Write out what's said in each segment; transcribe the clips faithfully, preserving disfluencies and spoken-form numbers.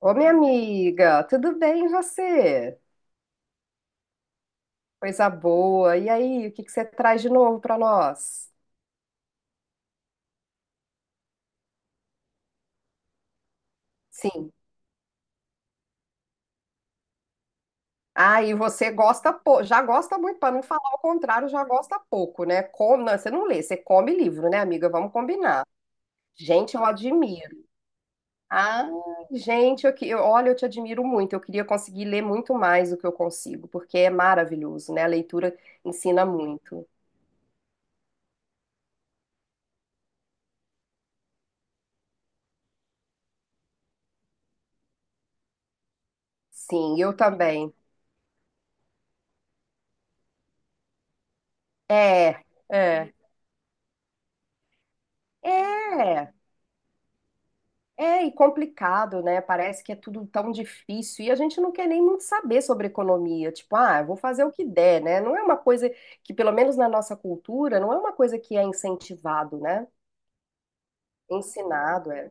Ô, minha amiga, tudo bem e você? Coisa boa. E aí, o que que você traz de novo para nós? Sim. Ah, e você gosta pouco, já gosta muito, para não falar o contrário, já gosta pouco, né? Com... Não, você não lê, você come livro, né, amiga? Vamos combinar. Gente, eu admiro. Ah, gente, eu, que- eu, olha, eu te admiro muito. Eu queria conseguir ler muito mais do que eu consigo, porque é maravilhoso, né? A leitura ensina muito. Sim, eu também. É, é. É. É, e complicado, né? Parece que é tudo tão difícil e a gente não quer nem muito saber sobre economia. Tipo, ah, eu vou fazer o que der, né? Não é uma coisa que, pelo menos na nossa cultura, não é uma coisa que é incentivado, né? Ensinado, é.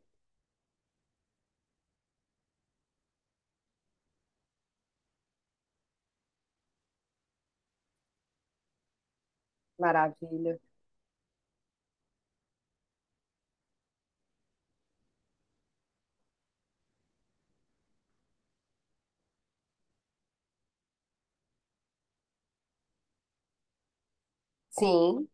Maravilha. Sim,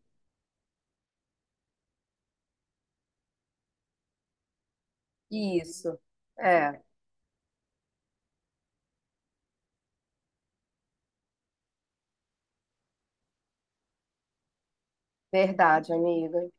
isso. É, verdade, amiga.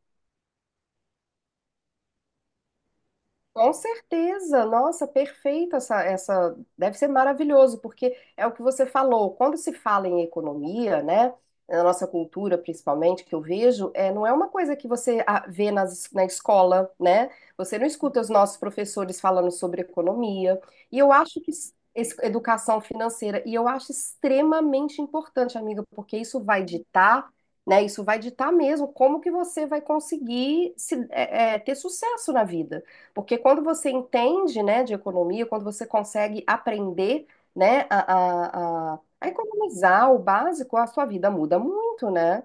Com certeza, nossa, perfeito essa, essa, deve ser maravilhoso, porque é o que você falou, quando se fala em economia, né, na nossa cultura principalmente, que eu vejo, é, não é uma coisa que você ah, vê nas, na escola, né, você não escuta os nossos professores falando sobre economia, e eu acho que es- es- educação financeira, e eu acho extremamente importante, amiga, porque isso vai ditar, né, isso vai ditar mesmo como que você vai conseguir se, é, é, ter sucesso na vida. Porque quando você entende, né, de economia, quando você consegue aprender, né, a, a, a- a economizar o básico, a sua vida muda muito, né?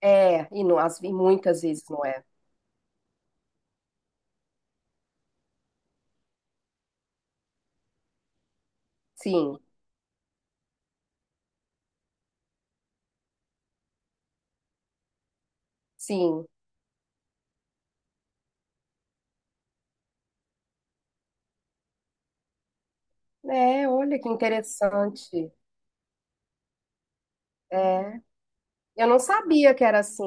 É, e, não, as, e muitas vezes não é. Sim, sim. É, olha que interessante. É, eu não sabia que era assim.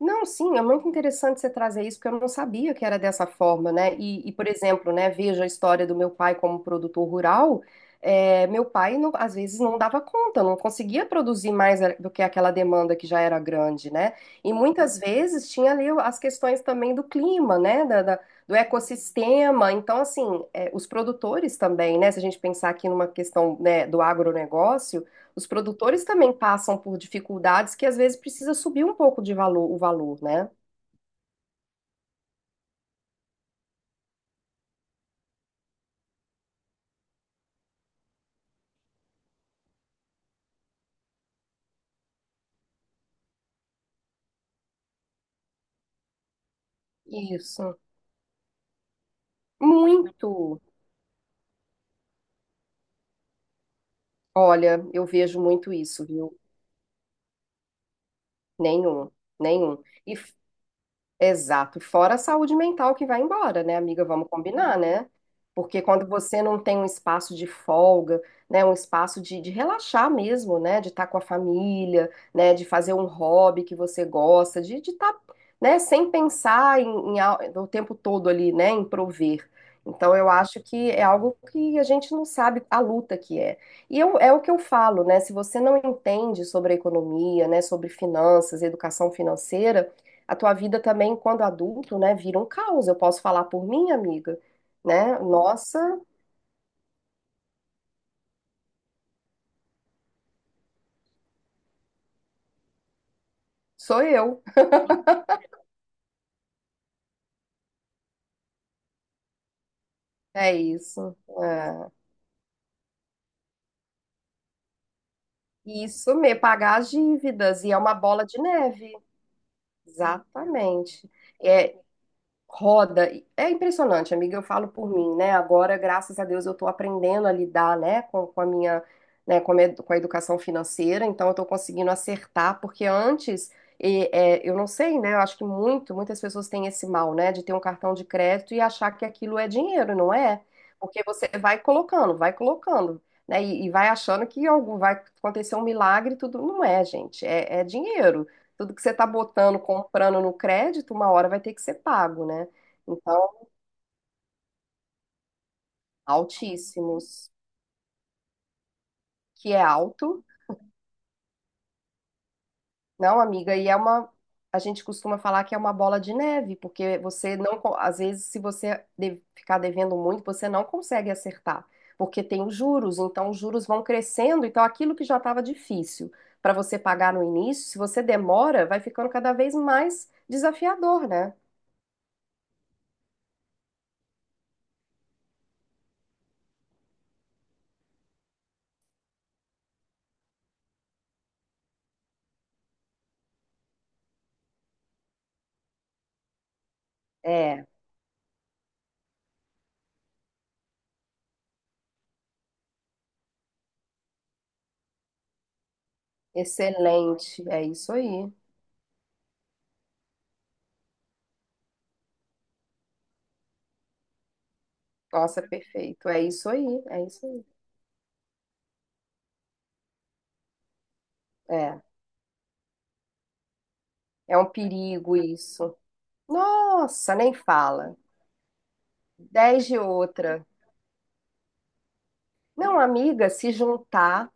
Não, sim, é muito interessante você trazer isso, porque eu não sabia que era dessa forma, né? E, e, por exemplo, né, veja a história do meu pai como produtor rural. É, meu pai, não- às vezes, não dava conta, não conseguia produzir mais a- do que aquela demanda que já era grande, né? E muitas vezes tinha ali as questões também do clima, né? da- da- do ecossistema. Então, assim, é, os produtores também, né? Se a gente pensar aqui numa questão, né, do agronegócio. Os produtores também passam por dificuldades que às vezes precisa subir um pouco de valor, o valor, né? Isso. Muito. Olha, eu vejo muito isso, viu? Nenhum, nenhum. E exato, fora a saúde mental que vai embora, né, amiga? Vamos combinar, né? Porque quando você não tem um espaço de folga, né, um espaço de, de relaxar mesmo, né, de estar com a família, né, de fazer um hobby que você gosta, de estar, né, sem pensar em, em al- o tempo todo ali, né, em prover. Então, eu acho que é algo que a gente não sabe a luta que é. E eu, é o que eu falo, né? Se você não entende sobre a economia, né, sobre finanças, educação financeira, a tua vida também, quando adulto, né, vira um caos. Eu posso falar por mim, amiga, né? Nossa, sou eu. É isso. É. Isso mesmo, pagar as dívidas. E é uma bola de neve. Exatamente. É, roda. É impressionante, amiga, eu falo por mim, né? Agora, graças a Deus, eu tô aprendendo a lidar, né, com, com a minha, né, com a, minha- com a educação financeira, então eu tô conseguindo acertar, porque antes, e, é, eu não sei, né? Eu acho que muito, muitas pessoas têm esse mal, né, de ter um cartão de crédito e achar que aquilo é dinheiro, não é? Porque você vai colocando, vai colocando. Né, e, e vai achando que algo vai acontecer um milagre, e tudo não é, gente, é é dinheiro tudo que você está botando, comprando no crédito, uma hora vai ter que ser pago, né? Então, altíssimos, que é alto. Não, amiga, e é uma. A gente costuma falar que é uma bola de neve, porque você não. Co- às vezes, se você de- ficar devendo muito, você não consegue acertar, porque tem os juros, então os juros vão crescendo, então aquilo que já estava difícil para você pagar no início, se você demora, vai ficando cada vez mais desafiador, né? É, excelente, é isso aí. Nossa, perfeito. É isso aí, é isso aí. É, é um perigo isso. Nossa, nem fala. Dez de outra. Não, amiga, se juntar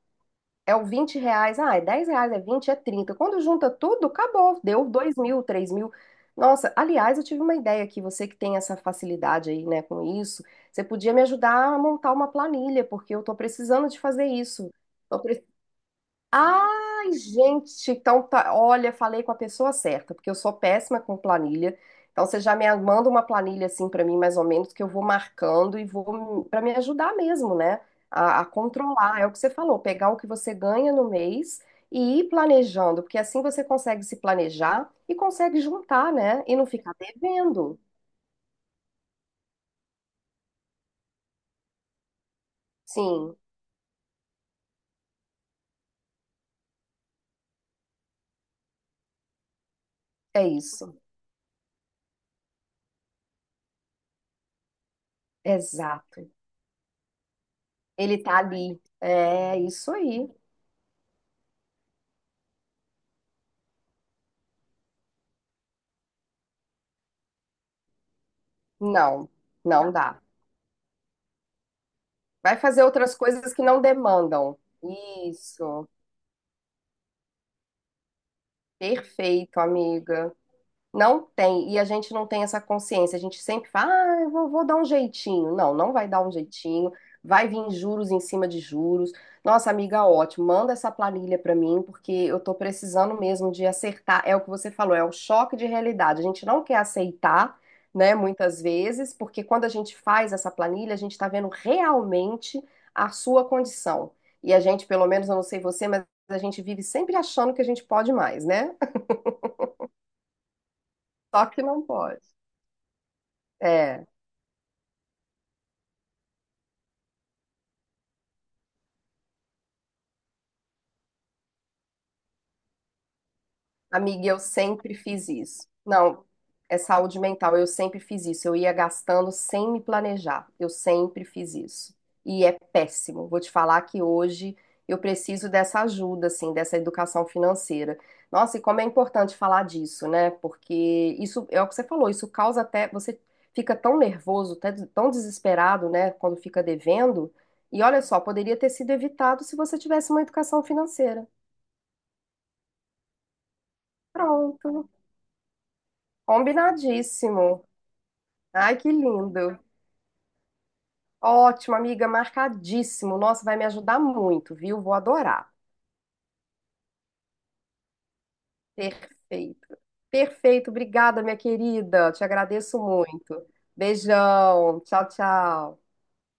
é o vinte reais. Ah, é dez reais, é vinte é trinta. Quando junta tudo, acabou. Deu dois mil, três mil. Nossa, aliás, eu tive uma ideia aqui. Você que tem essa facilidade aí, né, com isso, você podia me ajudar a montar uma planilha, porque eu tô precisando de fazer isso. Ai, gente, então tá. Olha, falei com a pessoa certa, porque eu sou péssima com planilha. Então você já me manda uma planilha assim pra mim, mais ou menos, que eu vou marcando e vou para me ajudar mesmo, né? A, a controlar. É o que você falou, pegar o que você ganha no mês e ir planejando, porque assim você consegue se planejar e consegue juntar, né? E não ficar devendo. Sim, é isso. Exato. Ele tá ali. É isso aí. Não, não dá. Vai fazer outras coisas que não demandam. Isso. Perfeito, amiga. Não tem, e a gente não tem essa consciência. A gente sempre fala, ah, eu vou, vou dar um jeitinho. Não, não vai dar um jeitinho. Vai vir juros em cima de juros. Nossa, amiga, ótimo. Manda essa planilha para mim, porque eu tô precisando mesmo de acertar. É o que você falou, é o choque de realidade. A gente não quer aceitar, né, muitas vezes, porque quando a gente faz essa planilha, a gente está vendo realmente a sua condição. E a gente, pelo menos, eu não sei você, mas a gente vive sempre achando que a gente pode mais, né? Só que não pode. É. Amiga, eu sempre fiz isso. Não, é saúde mental. Eu sempre fiz isso. Eu ia gastando sem me planejar. Eu sempre fiz isso. E é péssimo. Vou te falar que hoje eu preciso dessa ajuda, assim, dessa educação financeira. Nossa, e como é importante falar disso, né? Porque isso é o que você falou, isso causa até. Você fica tão nervoso, até tão desesperado, né, quando fica devendo. E olha só, poderia ter sido evitado se você tivesse uma educação financeira. Pronto. Combinadíssimo. Ai, que lindo. Ótimo, amiga, marcadíssimo. Nossa, vai me ajudar muito, viu? Vou adorar. Perfeito. Perfeito, obrigada, minha querida. Te agradeço muito. Beijão. Tchau, tchau.